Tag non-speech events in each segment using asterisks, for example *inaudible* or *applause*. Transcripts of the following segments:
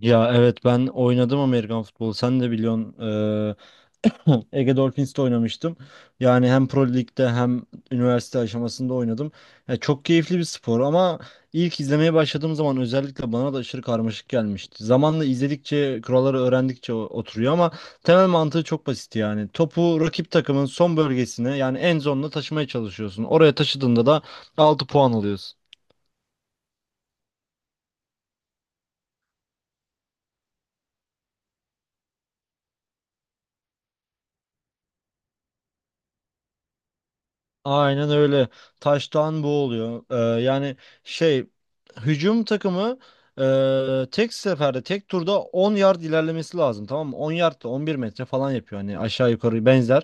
Ya evet ben oynadım Amerikan futbolu. Sen de biliyorsun, *laughs* Ege Dolphins'te oynamıştım. Yani hem Pro Lig'de hem üniversite aşamasında oynadım. Ya çok keyifli bir spor ama ilk izlemeye başladığım zaman özellikle bana da aşırı karmaşık gelmişti. Zamanla izledikçe, kuralları öğrendikçe oturuyor ama temel mantığı çok basit yani. Topu rakip takımın son bölgesine, yani en zone'una taşımaya çalışıyorsun. Oraya taşıdığında da 6 puan alıyorsun. Aynen öyle. Taştan bu oluyor. Yani şey, hücum takımı tek seferde, tek turda 10 yard ilerlemesi lazım, tamam mı? 10 yard da 11 metre falan yapıyor hani, aşağı yukarı benzer.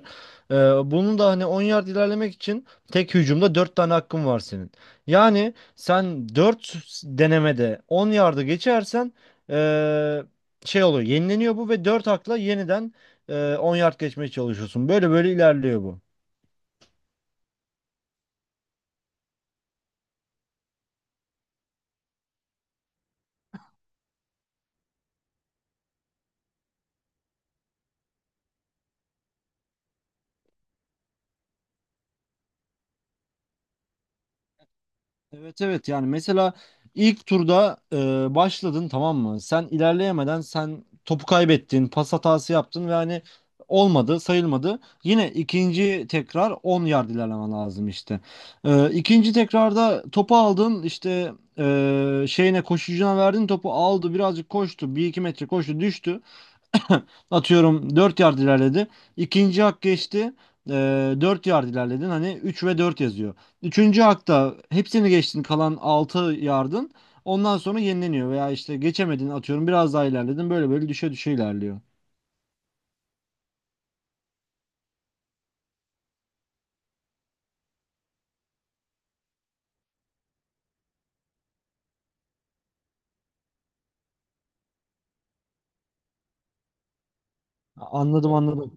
Ee, Bunu da hani 10 yard ilerlemek için tek hücumda 4 tane hakkın var senin. Yani sen 4 denemede 10 yardı geçersen e, şey oluyor, yenileniyor bu ve 4 hakla yeniden 10 yard geçmeye çalışıyorsun. Böyle böyle ilerliyor bu. Evet, evet, yani mesela ilk turda başladın, tamam mı? Sen ilerleyemeden sen topu kaybettin, pas hatası yaptın ve hani olmadı, sayılmadı. Yine ikinci tekrar 10 yard ilerlemen lazım işte. İkinci tekrarda topu aldın işte, şeyine, koşucuna verdin, topu aldı, birazcık koştu, bir iki metre koştu, düştü. Atıyorum 4 yard ilerledi. İkinci hak geçti. 4 yard ilerledin. Hani 3 ve 4 yazıyor. Üçüncü hakta hepsini geçtin, kalan 6 yardın. Ondan sonra yenileniyor veya işte geçemedin, atıyorum biraz daha ilerledin. Böyle böyle düşe düşe ilerliyor. Anladım, anladım.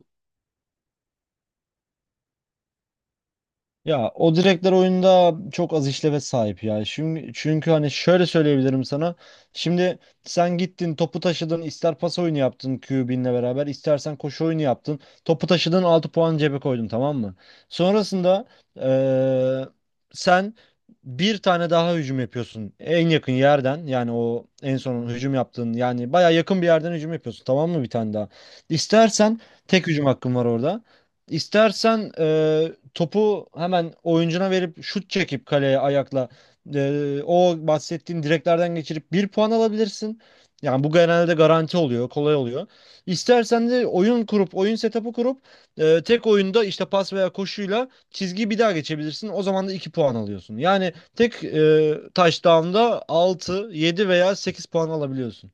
Ya o direkler oyunda çok az işleve sahip ya. Çünkü hani şöyle söyleyebilirim sana. Şimdi sen gittin, topu taşıdın, ister pas oyunu yaptın QB'inle beraber, istersen koşu oyunu yaptın. Topu taşıdın, 6 puan cebe koydun, tamam mı? Sonrasında, eee, sen bir tane daha hücum yapıyorsun. En yakın yerden, yani o en son hücum yaptığın, yani baya yakın bir yerden hücum yapıyorsun, tamam mı, bir tane daha. İstersen tek hücum hakkın var orada. İstersen topu hemen oyuncuna verip şut çekip kaleye ayakla, o bahsettiğin direklerden geçirip bir puan alabilirsin. Yani bu genelde garanti oluyor, kolay oluyor. İstersen de oyun kurup, oyun setup'ı kurup tek oyunda işte pas veya koşuyla çizgiyi bir daha geçebilirsin. O zaman da 2 puan alıyorsun. Yani tek touchdown'da 6, 7 veya 8 puan alabiliyorsun.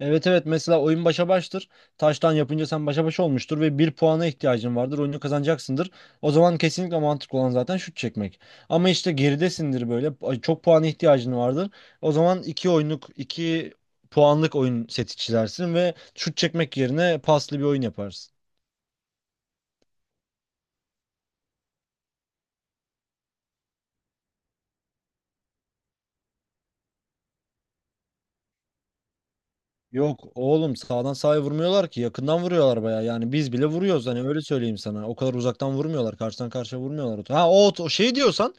Evet, evet, mesela oyun başa baştır. Taştan yapınca sen başa baş olmuştur ve bir puana ihtiyacın vardır. Oyunu kazanacaksındır. O zaman kesinlikle mantıklı olan zaten şut çekmek. Ama işte geridesindir böyle. Ay, çok puana ihtiyacın vardır. O zaman 2 oyunluk, 2 puanlık oyun seti çizersin ve şut çekmek yerine paslı bir oyun yaparsın. Yok oğlum, sağdan sağa vurmuyorlar ki, yakından vuruyorlar baya. Yani biz bile vuruyoruz, hani öyle söyleyeyim sana. O kadar uzaktan vurmuyorlar, karşıdan karşıya vurmuyorlar. Ha, o şey diyorsan,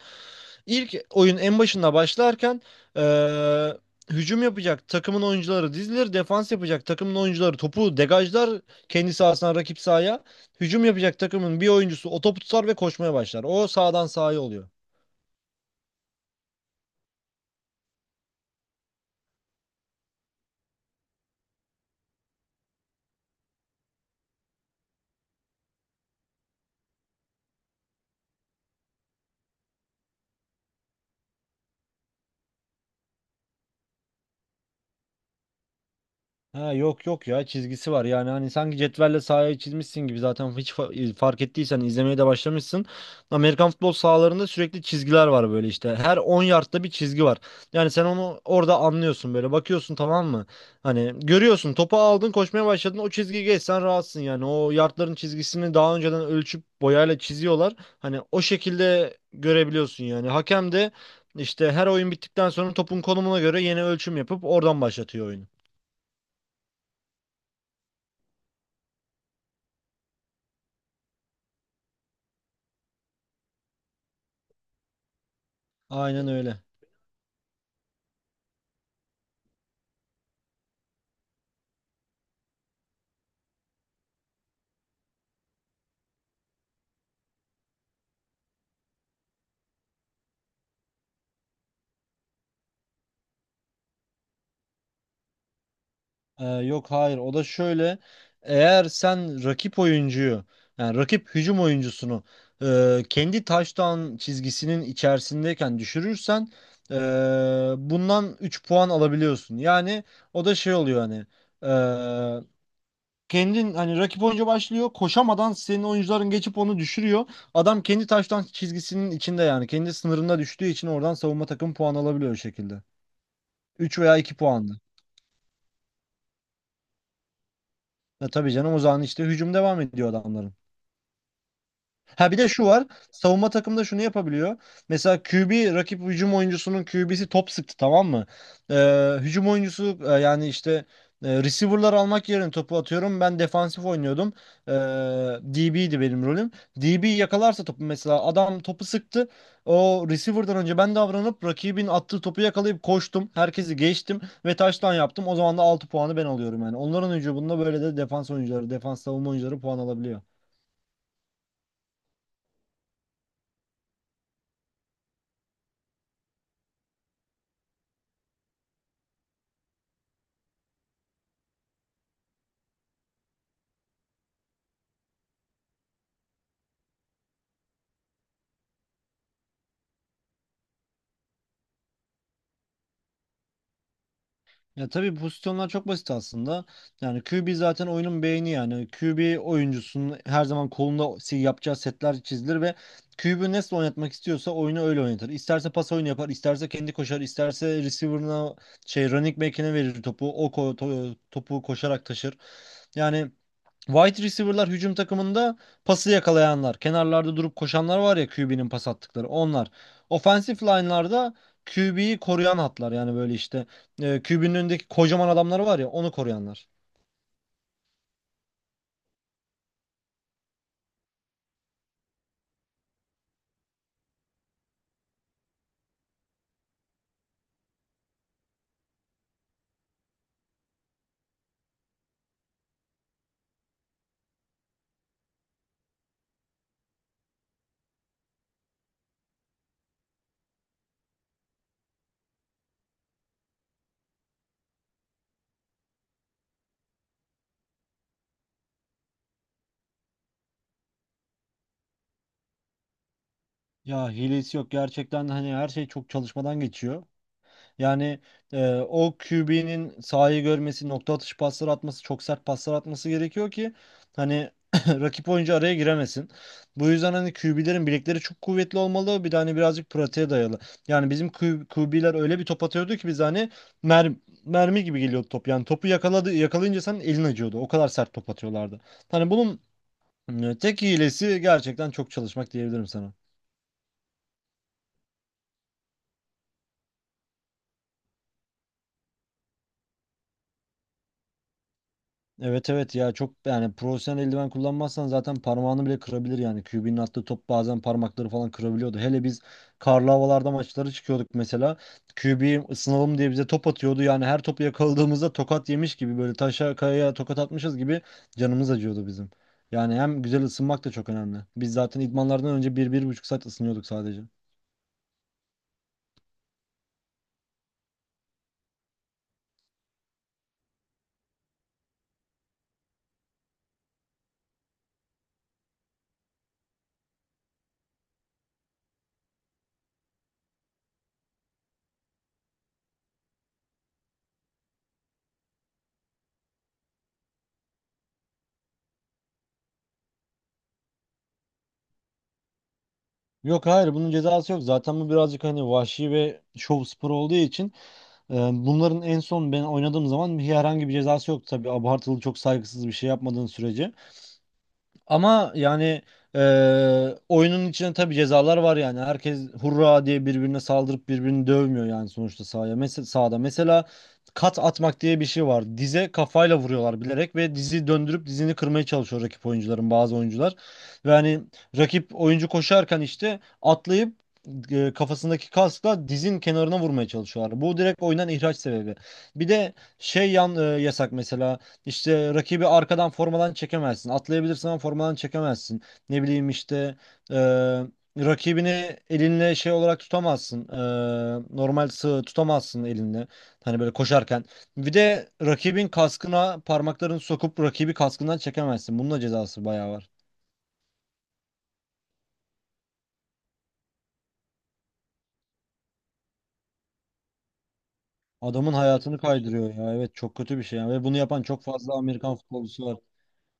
İlk oyun en başında başlarken, eee, hücum yapacak takımın oyuncuları dizilir, defans yapacak takımın oyuncuları topu degajlar kendi sahasına, rakip sahaya. Hücum yapacak takımın bir oyuncusu o topu tutar ve koşmaya başlar. O sağdan sahaya oluyor. Ha, yok yok ya, çizgisi var yani. Hani sanki cetvelle sahayı çizmişsin gibi. Zaten hiç fark ettiysen izlemeye de başlamışsın. Amerikan futbol sahalarında sürekli çizgiler var böyle işte, her 10 yardta bir çizgi var. Yani sen onu orada anlıyorsun, böyle bakıyorsun, tamam mı? Hani görüyorsun, topu aldın, koşmaya başladın, o çizgiyi geçsen rahatsın. Yani o yardların çizgisini daha önceden ölçüp boyayla çiziyorlar. Hani o şekilde görebiliyorsun. Yani hakem de işte her oyun bittikten sonra topun konumuna göre yeni ölçüm yapıp oradan başlatıyor oyunu. Aynen öyle. Yok hayır, o da şöyle: eğer sen rakip oyuncuyu, yani rakip hücum oyuncusunu kendi taştan çizgisinin içerisindeyken düşürürsen e, bundan 3 puan alabiliyorsun. Yani o da şey oluyor hani, e, kendin hani, rakip oyuncu başlıyor, koşamadan senin oyuncuların geçip onu düşürüyor. Adam kendi taştan çizgisinin içinde, yani kendi sınırında düştüğü için oradan savunma takım puan alabiliyor o şekilde. 3 veya 2 puanlı. Ya tabii canım, o zaman işte hücum devam ediyor adamların. Ha, bir de şu var. Savunma takımda şunu yapabiliyor. Mesela QB, rakip hücum oyuncusunun QB'si top sıktı, tamam mı? Hücum oyuncusu, yani işte receiver'lar almak yerine topu atıyorum. Ben defansif oynuyordum. Ee, DB'ydi benim rolüm. DB yakalarsa topu, mesela adam topu sıktı. O receiver'dan önce ben davranıp rakibin attığı topu yakalayıp koştum, herkesi geçtim ve taştan yaptım. O zaman da 6 puanı ben alıyorum yani. Onların hücumunda böyle de defans oyuncuları, defans savunma oyuncuları puan alabiliyor. Ya tabii, pozisyonlar çok basit aslında. Yani QB zaten oyunun beyni yani. QB oyuncusunun her zaman kolunda yapacağı setler çizilir ve QB nasıl oynatmak istiyorsa oyunu öyle oynatır. İsterse pas oyunu yapar, isterse kendi koşar, isterse receiver'ına, şey, running back'ine verir topu. O topu koşarak taşır. Yani wide receiver'lar hücum takımında pası yakalayanlar. Kenarlarda durup koşanlar var ya, QB'nin pas attıkları onlar. Offensive line'larda QB'yi koruyan hatlar. Yani böyle işte QB'nin önündeki kocaman adamları var ya, onu koruyanlar. Ya hilesi yok gerçekten de, hani her şey çok çalışmadan geçiyor. Yani o QB'nin sahayı görmesi, nokta atışı paslar atması, çok sert paslar atması gerekiyor ki hani *clears throat* rakip oyuncu araya giremesin. Bu yüzden hani QB'lerin bilekleri çok kuvvetli olmalı. Bir de hani birazcık pratiğe dayalı. Yani bizim QB'ler öyle bir top atıyordu ki biz hani mer mermi gibi geliyordu top. Yani topu yakaladı, yakalayınca senin elin acıyordu. O kadar sert top atıyorlardı. Hani bunun tek hilesi gerçekten çok çalışmak diyebilirim sana. Evet evet, ya çok, yani profesyonel eldiven kullanmazsan zaten parmağını bile kırabilir yani. QB'nin attığı top bazen parmakları falan kırabiliyordu. Hele biz karlı havalarda maçlara çıkıyorduk mesela. QB, ısınalım diye bize top atıyordu. Yani her topu yakaladığımızda tokat yemiş gibi, böyle taşa kayaya tokat atmışız gibi canımız acıyordu bizim. Yani hem güzel ısınmak da çok önemli. Biz zaten idmanlardan önce bir bir buçuk saat ısınıyorduk sadece. Yok hayır, bunun cezası yok. Zaten bu birazcık hani vahşi ve şov sporu olduğu için. Ee, Bunların en son ben oynadığım zaman herhangi bir cezası yoktu tabii. Abartılı, çok saygısız bir şey yapmadığın sürece. Ama yani, oyunun içinde tabii cezalar var yani. Herkes hurra diye birbirine saldırıp birbirini dövmüyor yani sonuçta sahaya. Mesela sahada, mesela kat atmak diye bir şey var. Dize kafayla vuruyorlar bilerek ve dizi döndürüp dizini kırmaya çalışıyor rakip oyuncuların bazı oyuncular. Ve hani rakip oyuncu koşarken işte atlayıp kafasındaki kaskla dizin kenarına vurmaya çalışıyorlar. Bu direkt oyundan ihraç sebebi. Bir de şey, yan, yasak mesela. İşte rakibi arkadan formadan çekemezsin. Atlayabilirsin ama formadan çekemezsin. Ne bileyim işte, e, rakibini elinle şey olarak tutamazsın. Normal sığ tutamazsın elinle. Hani böyle koşarken. Bir de rakibin kaskına parmaklarını sokup rakibi kaskından çekemezsin. Bunun da cezası bayağı var. Adamın hayatını kaydırıyor ya. Evet, çok kötü bir şey ya. Ve bunu yapan çok fazla Amerikan futbolcusu var.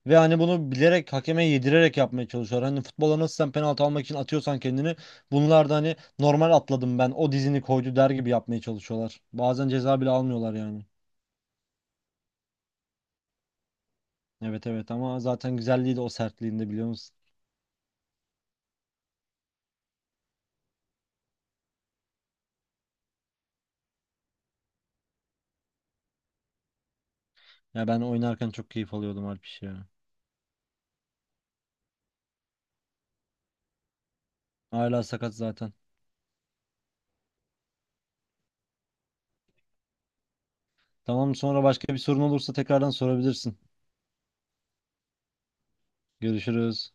Ve hani bunu bilerek, hakeme yedirerek yapmaya çalışıyorlar. Hani futbola nasıl sen penaltı almak için atıyorsan kendini, bunlar da hani normal atladım, ben o dizini koydu der gibi yapmaya çalışıyorlar. Bazen ceza bile almıyorlar yani. Evet evet, ama zaten güzelliği de o sertliğinde, biliyor musun? Ya, ben oynarken çok keyif alıyordum Alpiş ya. Hala sakat zaten. Tamam, sonra başka bir sorun olursa tekrardan sorabilirsin. Görüşürüz.